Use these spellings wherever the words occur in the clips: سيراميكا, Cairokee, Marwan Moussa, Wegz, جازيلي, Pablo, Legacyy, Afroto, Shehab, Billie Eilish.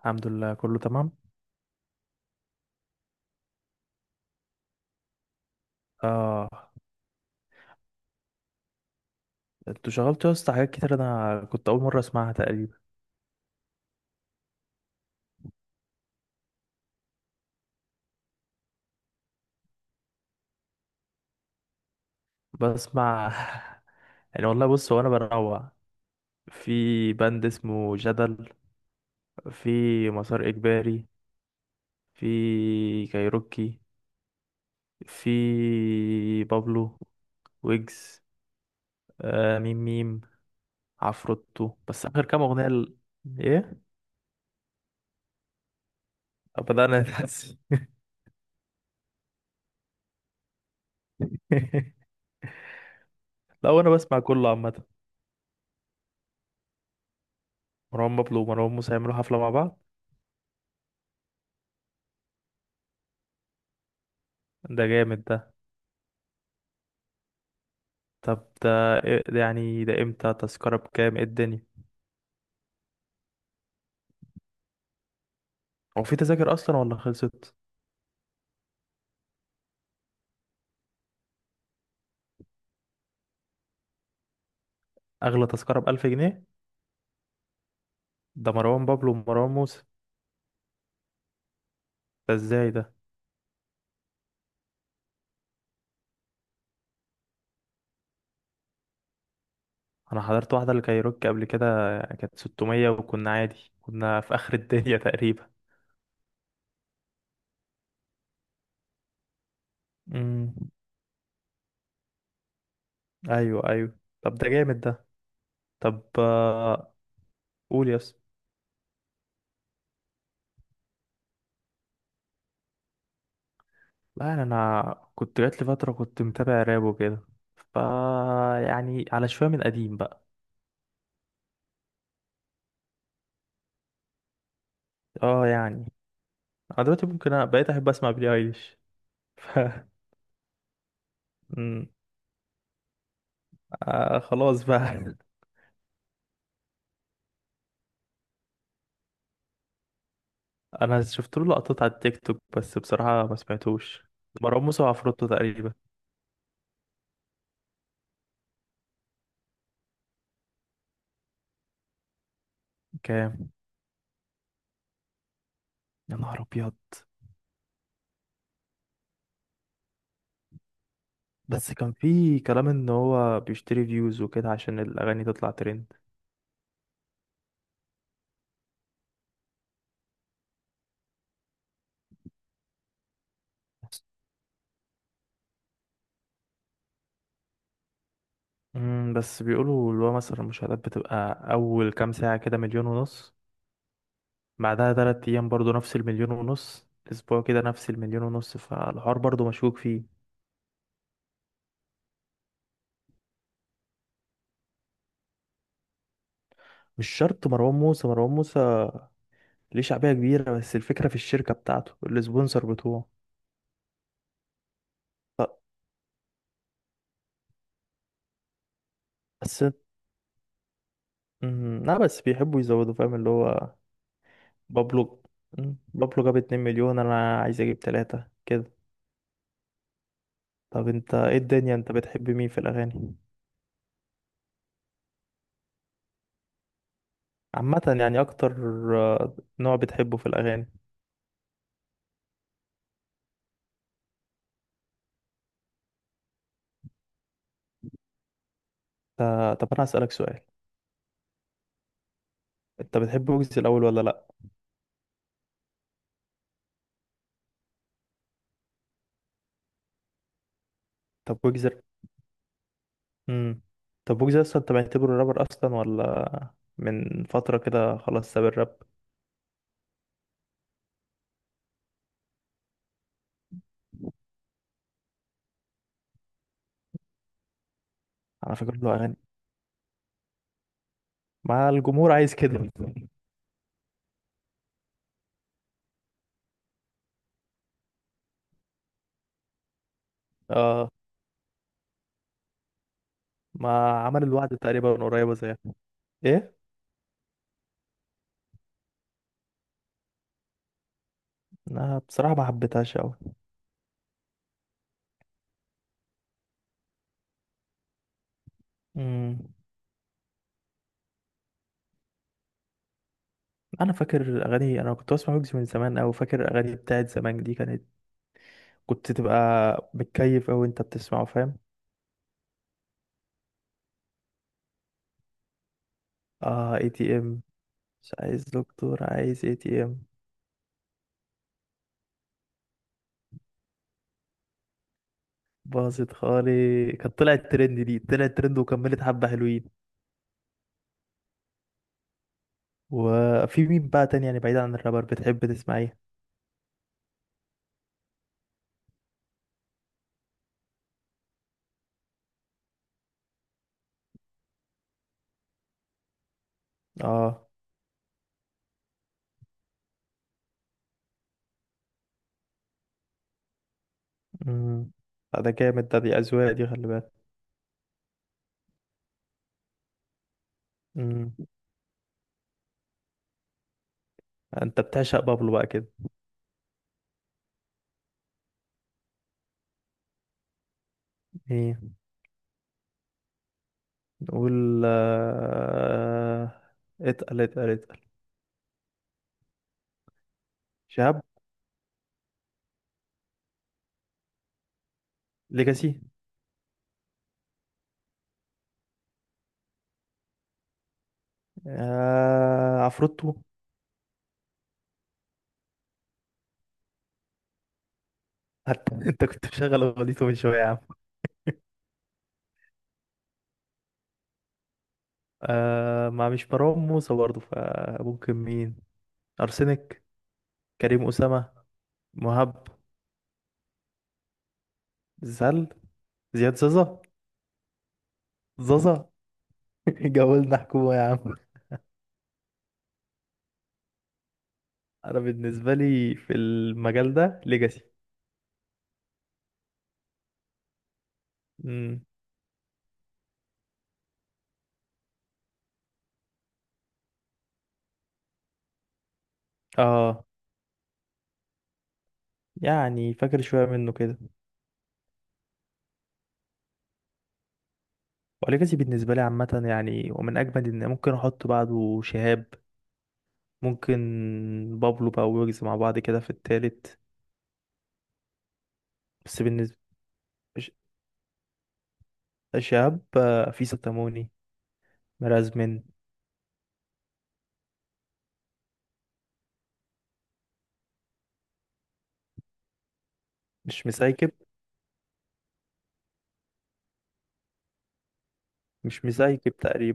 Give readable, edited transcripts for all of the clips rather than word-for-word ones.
الحمد لله، كله تمام. اه، انتوا شغلتوا يا اسطى حاجات كتير، انا كنت اول مره اسمعها تقريبا. بسمع. يعني والله بص، هو انا بنوع. في باند اسمه جدل، في مسار اجباري، في كايروكي، في بابلو، ويجز، ميم ميم عفروتو. بس اخر كام اغنيه ايه. بدانا نتحسن. لا، وانا بسمع كله عامه. مروان بابلو ومروان موسى يعملوا حفله مع بعض؟ ده جامد ده. طب ده يعني، ده امتى؟ تذكرة بكام؟ ايه الدنيا؟ هو في تذاكر اصلا ولا خلصت؟ اغلى تذكرة بألف جنيه؟ ده مروان بابلو ومروان موسى؟ ده ازاي ده؟ انا حضرت واحدة لكايروكي قبل كده، كانت 600، وكنا عادي، كنا في اخر الدنيا تقريبا. امم ايوه، ايوه. طب ده جامد ده. طب قول يس. لا يعني، انا كنت جات لي فترة كنت متابع راب وكده، ف يعني على شوية من القديم بقى. اه يعني، انا دلوقتي ممكن بقيت احب اسمع بيلي ايليش. ف مم. خلاص بقى. انا شفت له لقطات على التيك توك، بس بصراحة ما سمعتوش. مروان موسى وعفروتو تقريبا. كام؟ يا نهار ابيض. بس كان في كلام ان هو بيشتري فيوز وكده عشان الاغاني تطلع ترند. بس بيقولوا اللي هو مثلا المشاهدات بتبقى اول كام ساعة كده مليون ونص، بعدها تلات ايام برضو نفس المليون ونص، اسبوع كده نفس المليون ونص، فالحوار برضو مشكوك فيه. مش شرط. مروان موسى، مروان موسى ليه شعبية كبيرة، بس الفكرة في الشركة بتاعته، السبونسر بتوعه. ف- بس لا، بس بيحبوا يزودوا، فاهم اللي هو. بابلو. بابلو جاب 2 مليون، انا عايز اجيب 3 كده. طب انت ايه الدنيا، انت بتحب مين في الاغاني عامة يعني اكتر؟ نوع بتحبه في الاغاني. طب انا هسألك سؤال: انت بتحب ويجز الاول ولا لا؟ طب ويجز. امم طب ويجز اصلا انت معتبره رابر اصلا ولا؟ من فترة كده خلاص ساب الراب. انا فاكر له اغاني مع الجمهور عايز كده. اه. ما عمل الوعد تقريبا قريبة زيها. ايه. انا بصراحة ما حبيتهاش قوي. امم انا فاكر اغاني، انا كنت بسمع ويجز من زمان، او فاكر اغاني بتاعت زمان، دي كانت كنت تبقى متكيف، او انت بتسمعه، فاهم؟ اه، اي تي ام. مش عايز دكتور، عايز اي تي ام. باظت خالي كانت طلعت ترند، دي طلعت ترند وكملت حبة حلوين. وفي مين بقى تاني يعني بعيد عن الرابر بتحب تسمع ايه؟ اه. امم لا، ده جامد ده، دي اذواق دي، خلي بالك. انت بتعشق بابلو بقى كده؟ ايه. نقول اتقل، اتقل، اتقل. شهاب. ليجاسي. عفروتو. حتى انت كنت مشغل اغنيته من شويه يا عم. ما مش مروان موسى برضه، فممكن مين؟ ارسنك. كريم اسامه. مهاب. زل. زياد زازا. زازا. جولنا حكومه يا عم. انا بالنسبه لي في المجال ده ليجاسي. امم اه يعني، فاكر شويه منه كده. وليجاسي بالنسبة لي عامة يعني، ومن أجمد. إن ممكن أحط بعده شهاب، ممكن بابلو بقى ويجز مع بعض كده في التالت. بس بالنسبة. ش- شهاب. في ستاموني، مرازمن، مش مسايكب. مش مسايكب تقريبا.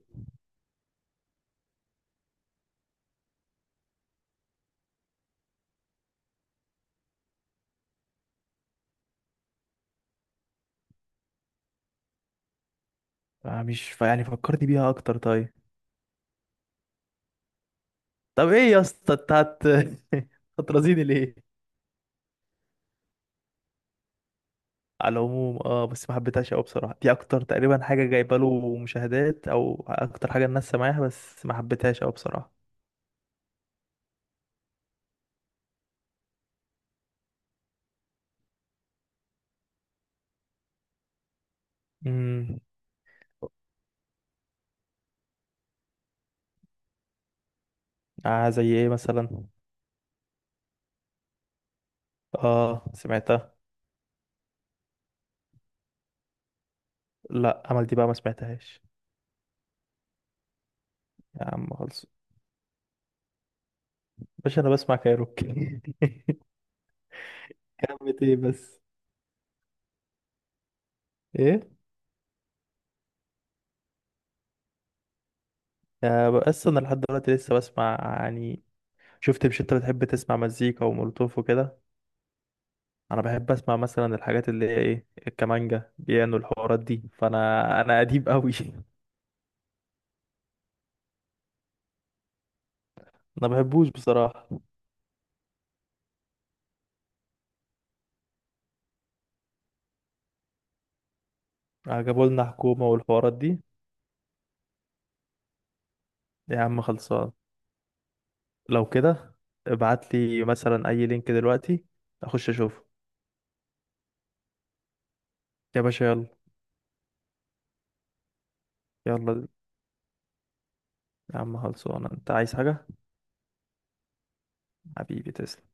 مش يعني فكرني بيها أكتر طيب. طب إيه يا اسطى أنت هت. هترازيني ليه؟ على العموم اه، بس ما حبيتهاش أوي بصراحة. دي أكتر تقريبا حاجة جايبة له مشاهدات، أو أكتر حاجة الناس سامعاها، بس ما حبيتهاش أوي بصراحة. مم. زي ايه مثلا؟ اه، سمعتها. لا، عمل دي بقى ما سمعتهاش. يا عم خلص. باشا انا بسمع كايروكي. كلمة ايه بس؟ ايه؟ بس انا لحد دلوقتي لسه بسمع يعني. شفت؟ مش انت بتحب تسمع مزيكا ومولوتوف وكده؟ انا بحب اسمع مثلا الحاجات اللي هي ايه، الكمانجا، بيانو، الحوارات دي، فانا قديم قوي. انا بحبوش بصراحة. عجبوا لنا حكومة والحوارات دي. يا عم خلصان. لو كده ابعت لي مثلا اي لينك دلوقتي، اخش اشوفه. يا باشا يلا. يلا يا عم. خلصانة، انت عايز حاجة؟ حبيبي تسلم.